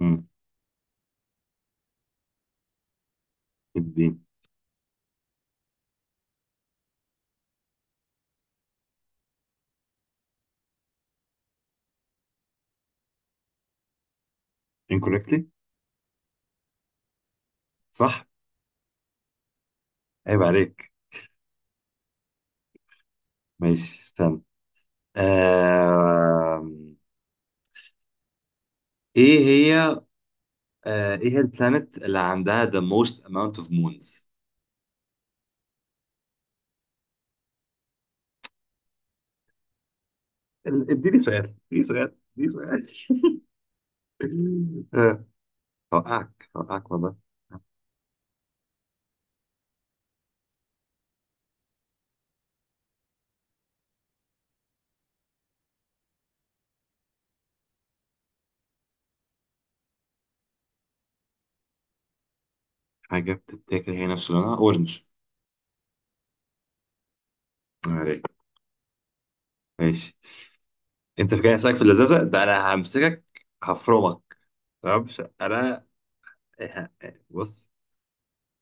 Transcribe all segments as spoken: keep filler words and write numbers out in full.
امم الدين. Incorrectly. صح. عيب عليك. ماشي، استنى. آه... ايه هي. آه... ايه هي البلانت اللي عندها the most amount of moons؟ ال- اديني سؤال اديني سؤال اديني سؤال. آه، هوقعك، هوقعك والله. حاجة بتتاكل هي نفس لونها اورنج. عيب عليك. ماشي. انت فاكر هسألك في اللذاذة ده؟ انا همسكك هفرمك. تمام. مش- انا إيه- بص،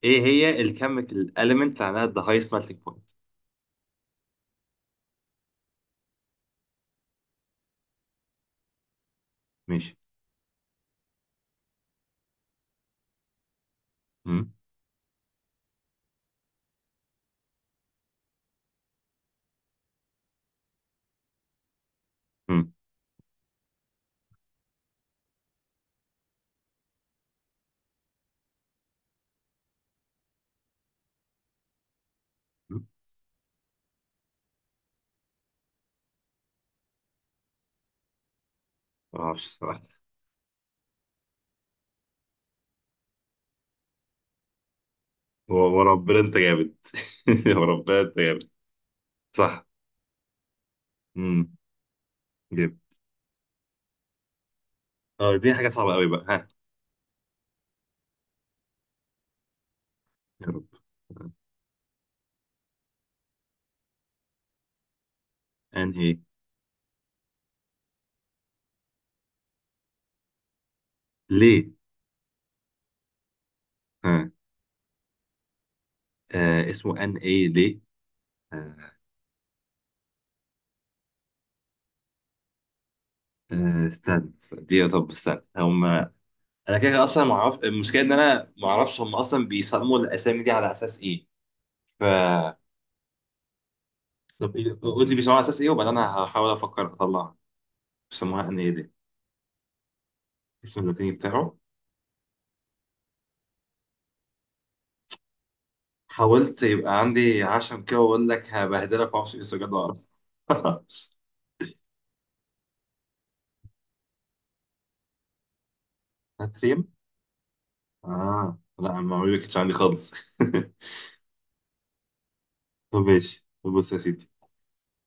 ايه هي الكيميكال element اللي عندها the high melting point؟ ماشي. مم. مم. مم. ما اعرفش الصراحه. و- وربنا انت جامد. وربنا انت جامد. صح. مم. جامد. اه، دي حاجه صعبه قوي بقى، ها. يا رب. آه، ان ايه ليه؟ ها. آه، اسمه ان ايه ليه. آه. آه، استنى استنى. دي طب استنى هم انا كده كده اصلا ما اعرف. المشكله ان انا ما اعرفش هم اصلا بيسموا الاسامي دي على اساس ايه. ف طب إيه- قول لي بيسموها على اساس ايه، وبعدين انا هحاول افكر اطلعها. بيسموها ان ايه ليه؟ الاسم اللاتيني بتاعه. حاولت يبقى عندي عشم كده واقول لك هبهدلك، معرفش ايه، بس بجد بعرف. هتريم؟ اه لا، المعلومة ما كانتش عندي خالص. طب ماشي، طب بص يا سيدي.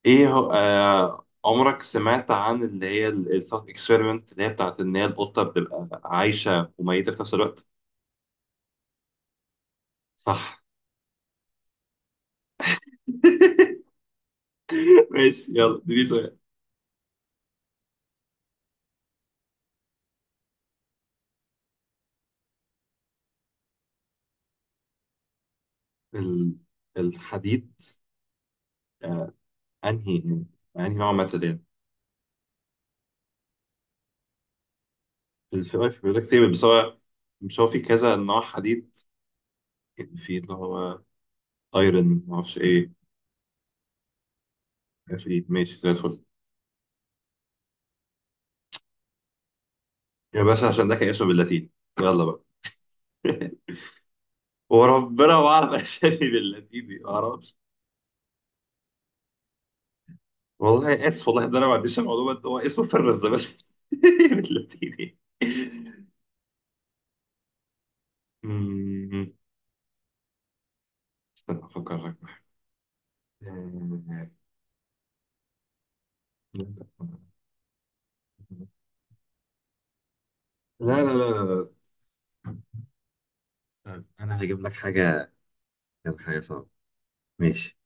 ايه هو، آه، عمرك سمعت عن اللي هي الثوت اكسبيرمنت اللي هي بتاعت ان هي القطة بتبقى عايشة وميتة في نفس الوقت؟ صح. ماشي، يلا اديني سؤال. ال- الحديد. آه. انهي، انهي نوع من التدين؟ الفي اي في بيقول لك تيبل، بس هو مش هو في كذا نوع حديد، في اللي هو ايرن معرفش ايه. افريد، ماشي زي الفل. يا باشا عشان ده كان اسمه باللاتيني، يلا بقى. وربنا ما اعرف اسامي باللاتيني، ما اعرفش. والله اسف، والله ده انا ما عنديش المعلومه، ده هو اسمه فرز بس باللاتيني. أمم، استنى افكر لك. لا لا لا لا لا. طيب، انا هجيب لك حاجه، هجيب لك حاجه صعبه. ماشي.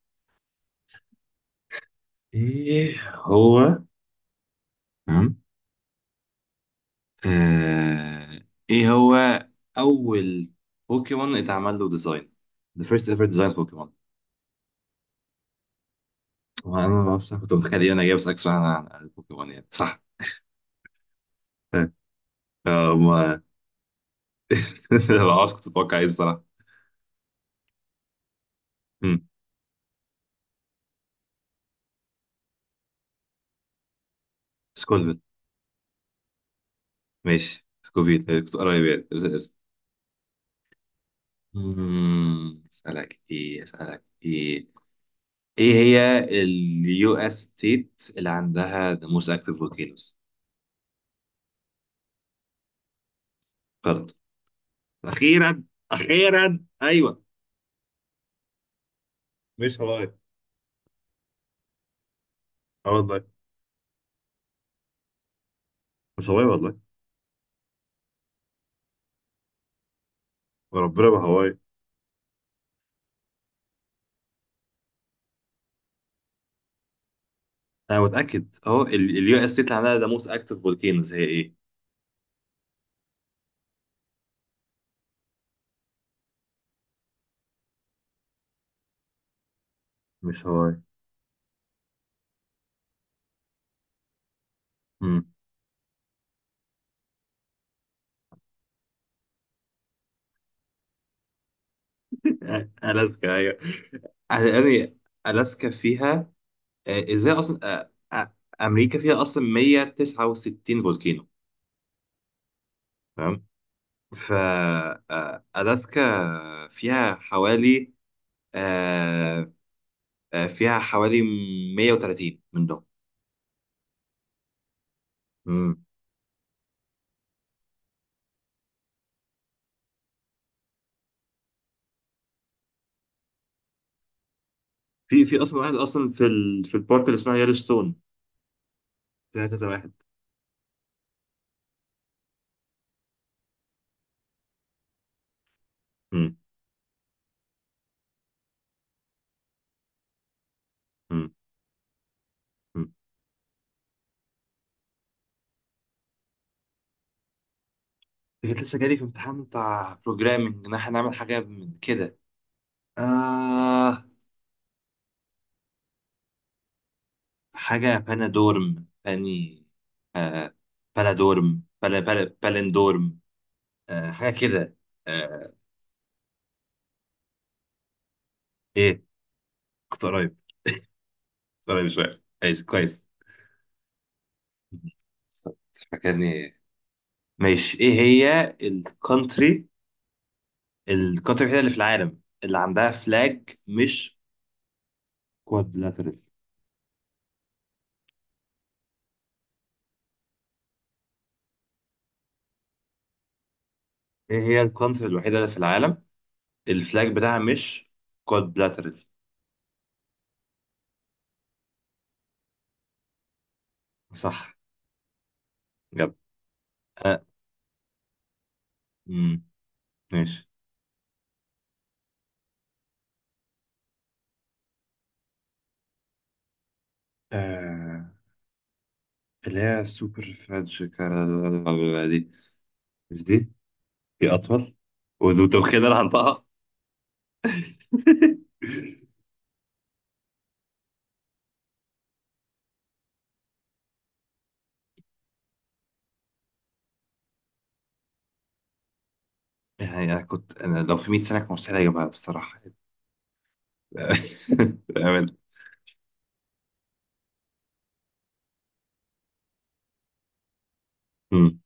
ايه هو. تمام. آه، ايه هو اول بوكيمون اتعمل له ديزاين؟ The first ever design بوكيمون. وانا ما بعرفش، أنا كنت متخيل إيه، انا جاي بسالك سؤال عن عن البوكيمون يعني، صح؟ آه، ما ما بعرفش كنت اتوقع ايه الصراحه. مم، سكولفيل. ماشي، سكوفيل. آه، كنت قريب يعني بس الاسم. مم، اسالك ايه اسالك ايه؟ ايه هي اليو اس ستيت اللي عندها the most active volcanoes؟ فرد، اخيرا. اخيرا، ايوه. مش هواي. اه والله. مش هواي والله. وربنا ما هواي. انا متاكد اهو، اليو اس تي عندها ذا موست اكتف فولكينوز هي ايه؟ مش هواي. امم الاسكا، ايوه. يعني الاسكا فيها، آه، ازاي اصلا. آه، آه، امريكا فيها اصلا مية تسعة وستين فولكينو، تمام. ف آه، الاسكا فيها حوالي، آه، آه، فيها حوالي مية وثلاثين من دول. امم في في اصلا واحد اصلا في ال... في البارك اللي اسمها يellowstone فيها كذا واحد امم كنت لسه جالي في امتحان بتاع بروجرامنج ان احنا نعمل حاجه من كده. آه حاجه بانادورم باني، آه بلادورم، بلا بلا بالندورم. آه حاجه كده. آه. ايه، كنت قريب كنت قريب شويه. كويس، كويس، فاكرني. ماشي، ايه هي الكونتري، الكونتري الوحيده اللي في العالم اللي عندها فلاج مش كوادلاترال؟ ايه هي الكونتري الوحيده اللي في العالم الفلاج بتاعها مش كوادلاترال؟ صح، جاب. آه. مم. ماشي. آه، اللي هي سوبر فريدج كا- دي. مش دي، في أطول. وذو كده أنا هنطقها. يعني أنا كنت، أنا لو في مية سنة كان مستحيل أجيبها بصراحة. بأمانة. مم.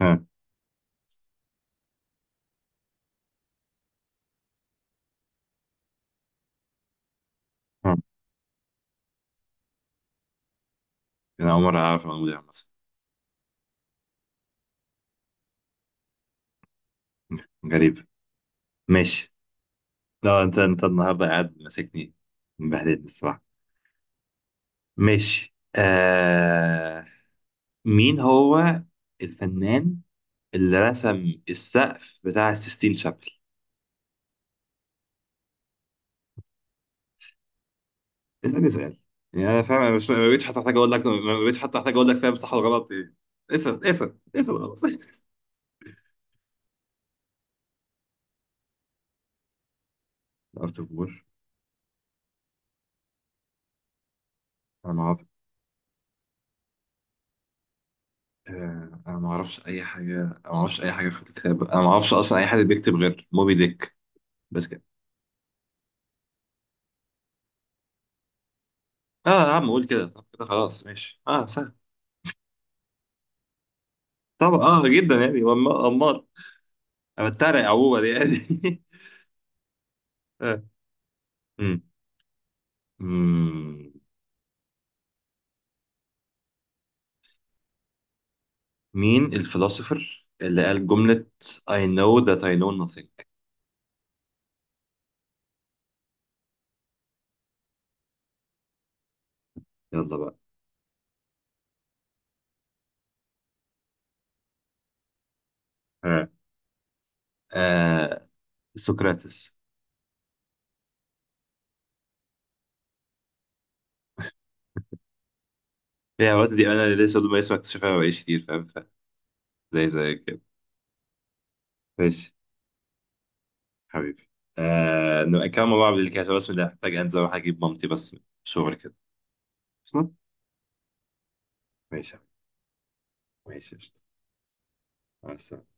ها. ها. أنا أول مرة أعرف الموضوع ده مثلا. غريب. ماشي، لا أنت، أنت النهاردة قاعد ماسكني، مبهدلني الصراحة. ماشي آه. مين هو الفنان اللي رسم السقف بتاع السيستين شابل؟ اسأل اسأل يعني انا فاهم، انا مش ما بقتش حتى احتاج اقول لك، ما بقتش حتى احتاج اقول لك فاهم صح ولا غلط، ايه. اسأل اسأل اسأل، خلاص. ارت اوف وور. انا ما اعرف. آه، انا ما اعرفش اي حاجه، أنا ما اعرفش اي حاجه في الكتاب، انا ما اعرفش اصلا اي حد بيكتب غير موبي ديك، بس كده. اه يا عم، قول كده. طب كده خلاص ماشي، اه سهل. طبعا اه، جدا يعني، أما- امال. انا بتريق عموما يعني. آه. مم. مم. مين الفلسفر اللي قال جملة I know that I know nothing؟ يلا بقى. ها. آه، سقراطس. هي الوقت دي انا لسه لما اسمع اكتشفها ما بقاليش كتير فاهم، ف- زي زي كده. ماشي حبيبي. آه، نبقى كمان مع بعض اللي كده، بس ده محتاج انزل اروح اجيب مامتي بس من الشغل كده اصلا. ماشي يا حبيبي. ماشي قشطة. مع السلامة.